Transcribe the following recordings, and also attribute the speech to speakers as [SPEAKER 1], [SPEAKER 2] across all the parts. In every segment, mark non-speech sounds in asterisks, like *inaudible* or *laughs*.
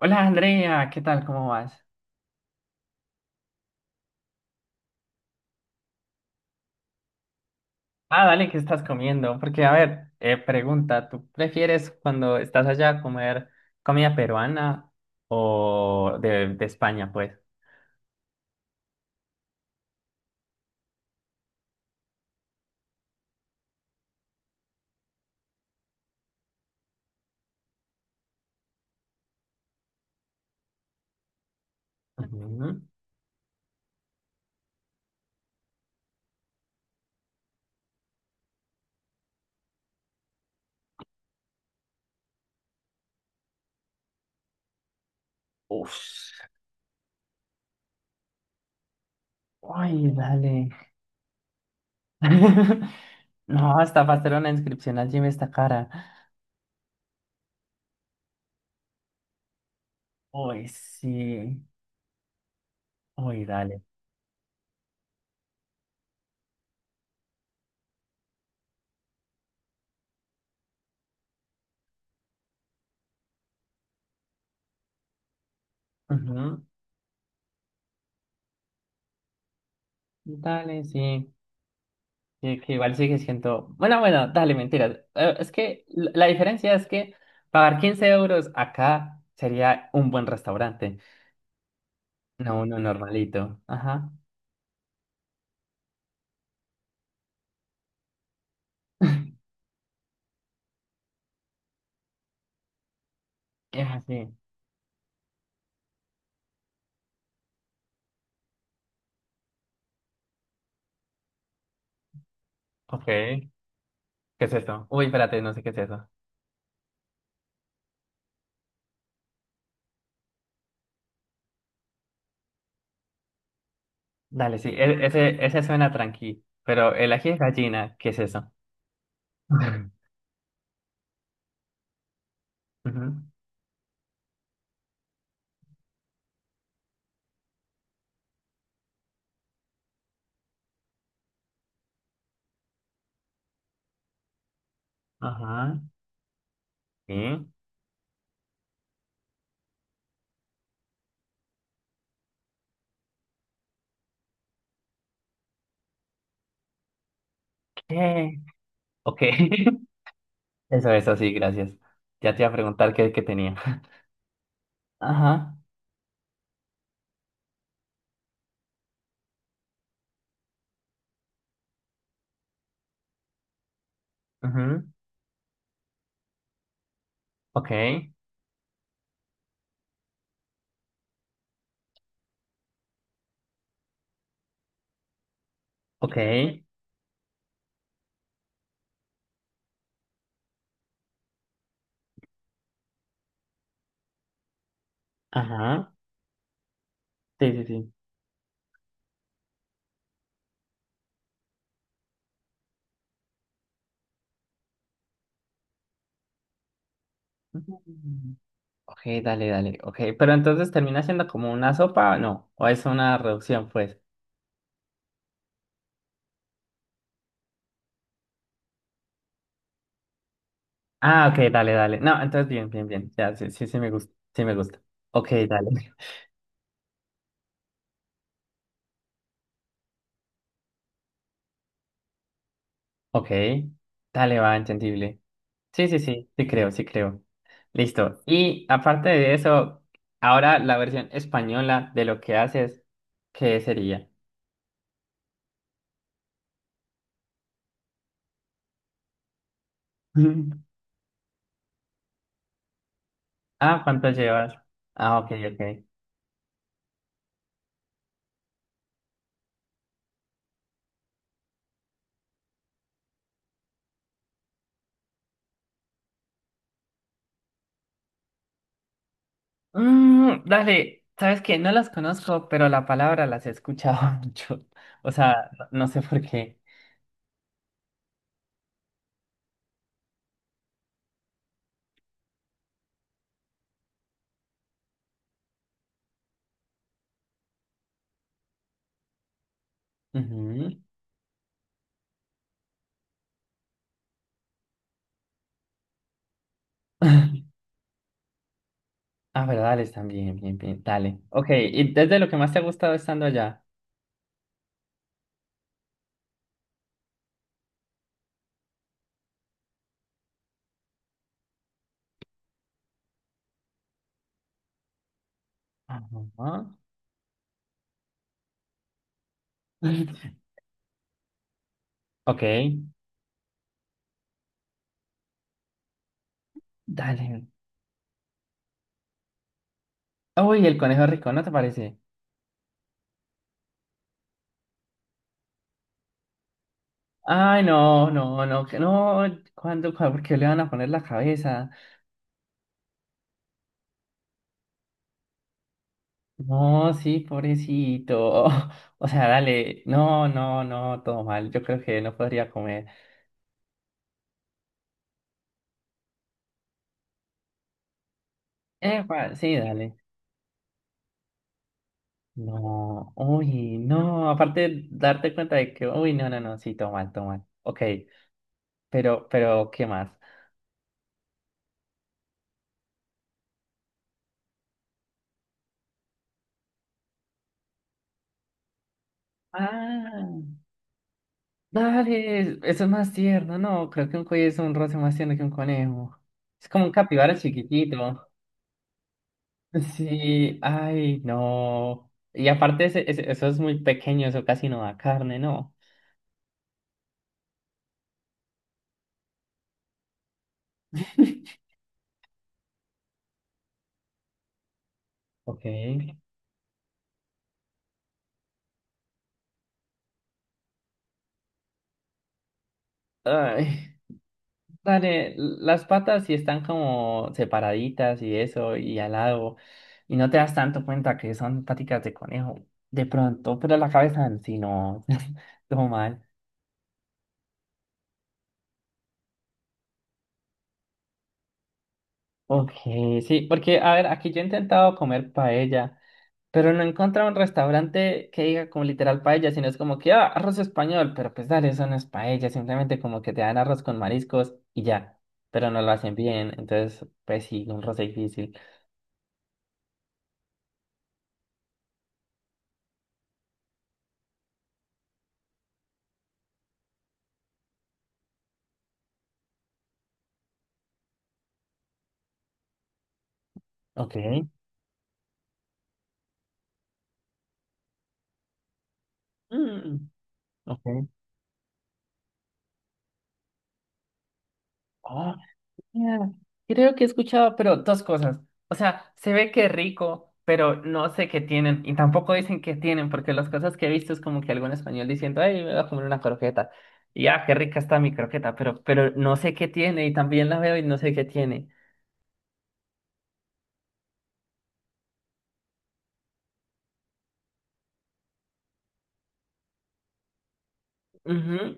[SPEAKER 1] Hola Andrea, ¿qué tal? ¿Cómo vas? Ah, dale, ¿qué estás comiendo? Porque, a ver, pregunta, ¿tú prefieres cuando estás allá comer comida peruana o de España, pues? Ujú. Uf. Ay, dale. *laughs* No, hasta para hacer una inscripción allí me está cara. Uy, sí. Uy, dale. Ujú. Dale, sí. Sí, que igual sigue siendo. Bueno, bueno, dale, mentiras. Es que la diferencia es que pagar 15 euros acá sería un buen restaurante, no uno normalito. Ajá. *laughs* Es así. Ok. ¿Qué es esto? Uy, espérate, no sé qué es eso. Dale, sí, ese, ese suena tranqui. Pero el ají de gallina, ¿qué es eso? *laughs* Ujú. Ajá. ¿Sí? ¿Qué? Ok. *laughs* Eso, sí, gracias. Ya te iba a preguntar qué, qué tenía. Ajá. Ujú. Ok. Ok, ajá, sí, sí, sí. Mm. Ok, dale, dale, ok, pero entonces termina siendo como una sopa, no, o es una reducción, pues. Ah, ok, dale, dale, no, entonces bien, bien, bien, ya, sí, sí, sí me gusta, sí me gusta. Ok, dale, *laughs* ok, dale, va, entendible. Sí, sí, sí, sí creo, sí creo. Listo, y aparte de eso, ahora la versión española de lo que haces, ¿qué sería? *laughs* Ah, ¿cuánto llevas? Ah, ok, ok. Mm, dale, sabes que no las conozco, pero la palabra las he escuchado *laughs* mucho. O sea, no sé por qué. Ujú. *laughs* Ah, pero dale, están bien, bien, bien. Dale. Ok, ¿y desde lo que más te ha gustado estando allá? Ajá. *laughs* Ok, dale. Uy, el conejo rico, ¿no te parece? Ay, no, no, no, que no. ¿Cuándo, cuándo, por qué le van a poner la cabeza? No, sí, pobrecito. *laughs* O sea, dale, no, no, no, todo mal. Yo creo que no podría comer. Epa, sí, dale. No, uy, no, aparte darte cuenta de que, uy, no, no, no, sí, todo mal, todo mal. Ok, pero, ¿qué más? Ah, dale, eso es más tierno, no, creo que un cuello es un roce más tierno que un conejo. Es como un capibara chiquitito. Sí, ay, no. Y aparte, eso es muy pequeño, eso casi no da carne, ¿no? *laughs* Ok. Ay. Dale, las patas sí están como separaditas y eso, y al lado, y no te das tanto cuenta que son paticas de conejo, de pronto, pero la cabeza en sí no, *laughs* todo mal. Ok, sí, porque a ver, aquí yo he intentado comer paella, pero no he encontrado un restaurante que diga como literal paella, sino es como que, ah, arroz español, pero pues dale, eso no es paella, simplemente como que te dan arroz con mariscos y ya, pero no lo hacen bien, entonces, pues sí, un roce difícil. Ok. Mm, ok. Oh, yeah. Creo que he escuchado, pero dos cosas. O sea, se ve que rico, pero no sé qué tienen. Y tampoco dicen qué tienen, porque las cosas que he visto es como que algún español diciendo, ay, me voy a comer una croqueta. Y ah, qué rica está mi croqueta, pero no sé qué tiene. Y también la veo y no sé qué tiene. Ujú,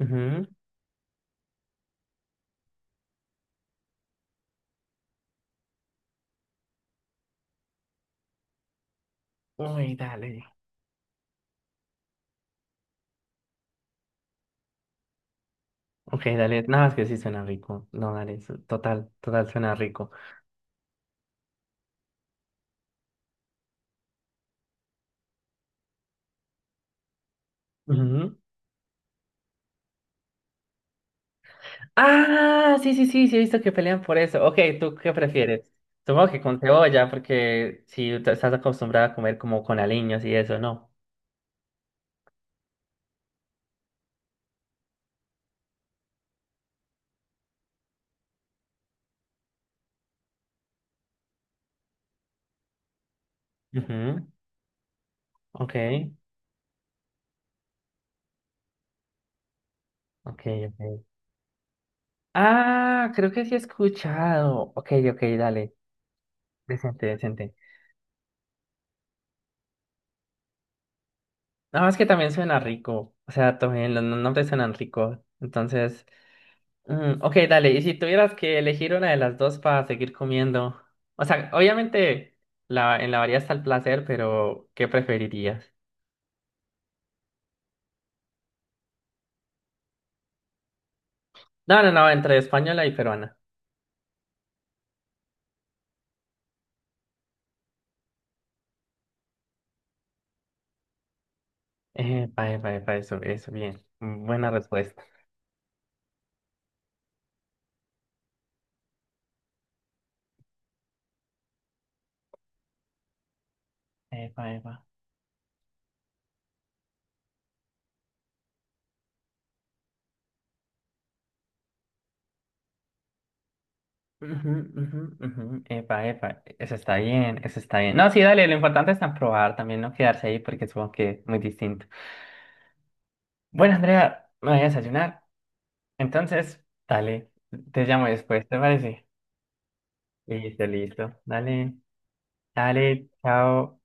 [SPEAKER 1] ujú. Uy, dale. Ok, dale. Nada más que sí suena rico. No, dale. Total, total suena rico. Ujú. Ah, sí, sí, sí, sí, he visto que pelean por eso. Ok, ¿tú qué prefieres? Supongo que con cebolla, porque si estás acostumbrada a comer como con aliños y eso, ¿no? Ujú, ok, ok, ok. Ah, creo que sí he escuchado. Ok, ok, dale. Decente, decente. Nada más que también suena rico. O sea, también los nombres suenan ricos. Entonces, mm, ok, dale, y si tuvieras que elegir una de las dos para seguir comiendo, o sea, obviamente la, en la variedad está el placer, pero ¿qué preferirías? No, no, no, entre española y peruana. Epa, epa, epa, eso, bien. Mm, buena respuesta. Epa, epa. Ujú, ujú, ujú, epa, epa, eso está bien, eso está bien. No, sí, dale, lo importante es probar también, no quedarse ahí porque supongo que es muy distinto. Bueno, Andrea, me voy a desayunar, entonces, dale, te llamo después, ¿te parece? Listo, listo. Dale, dale, chao.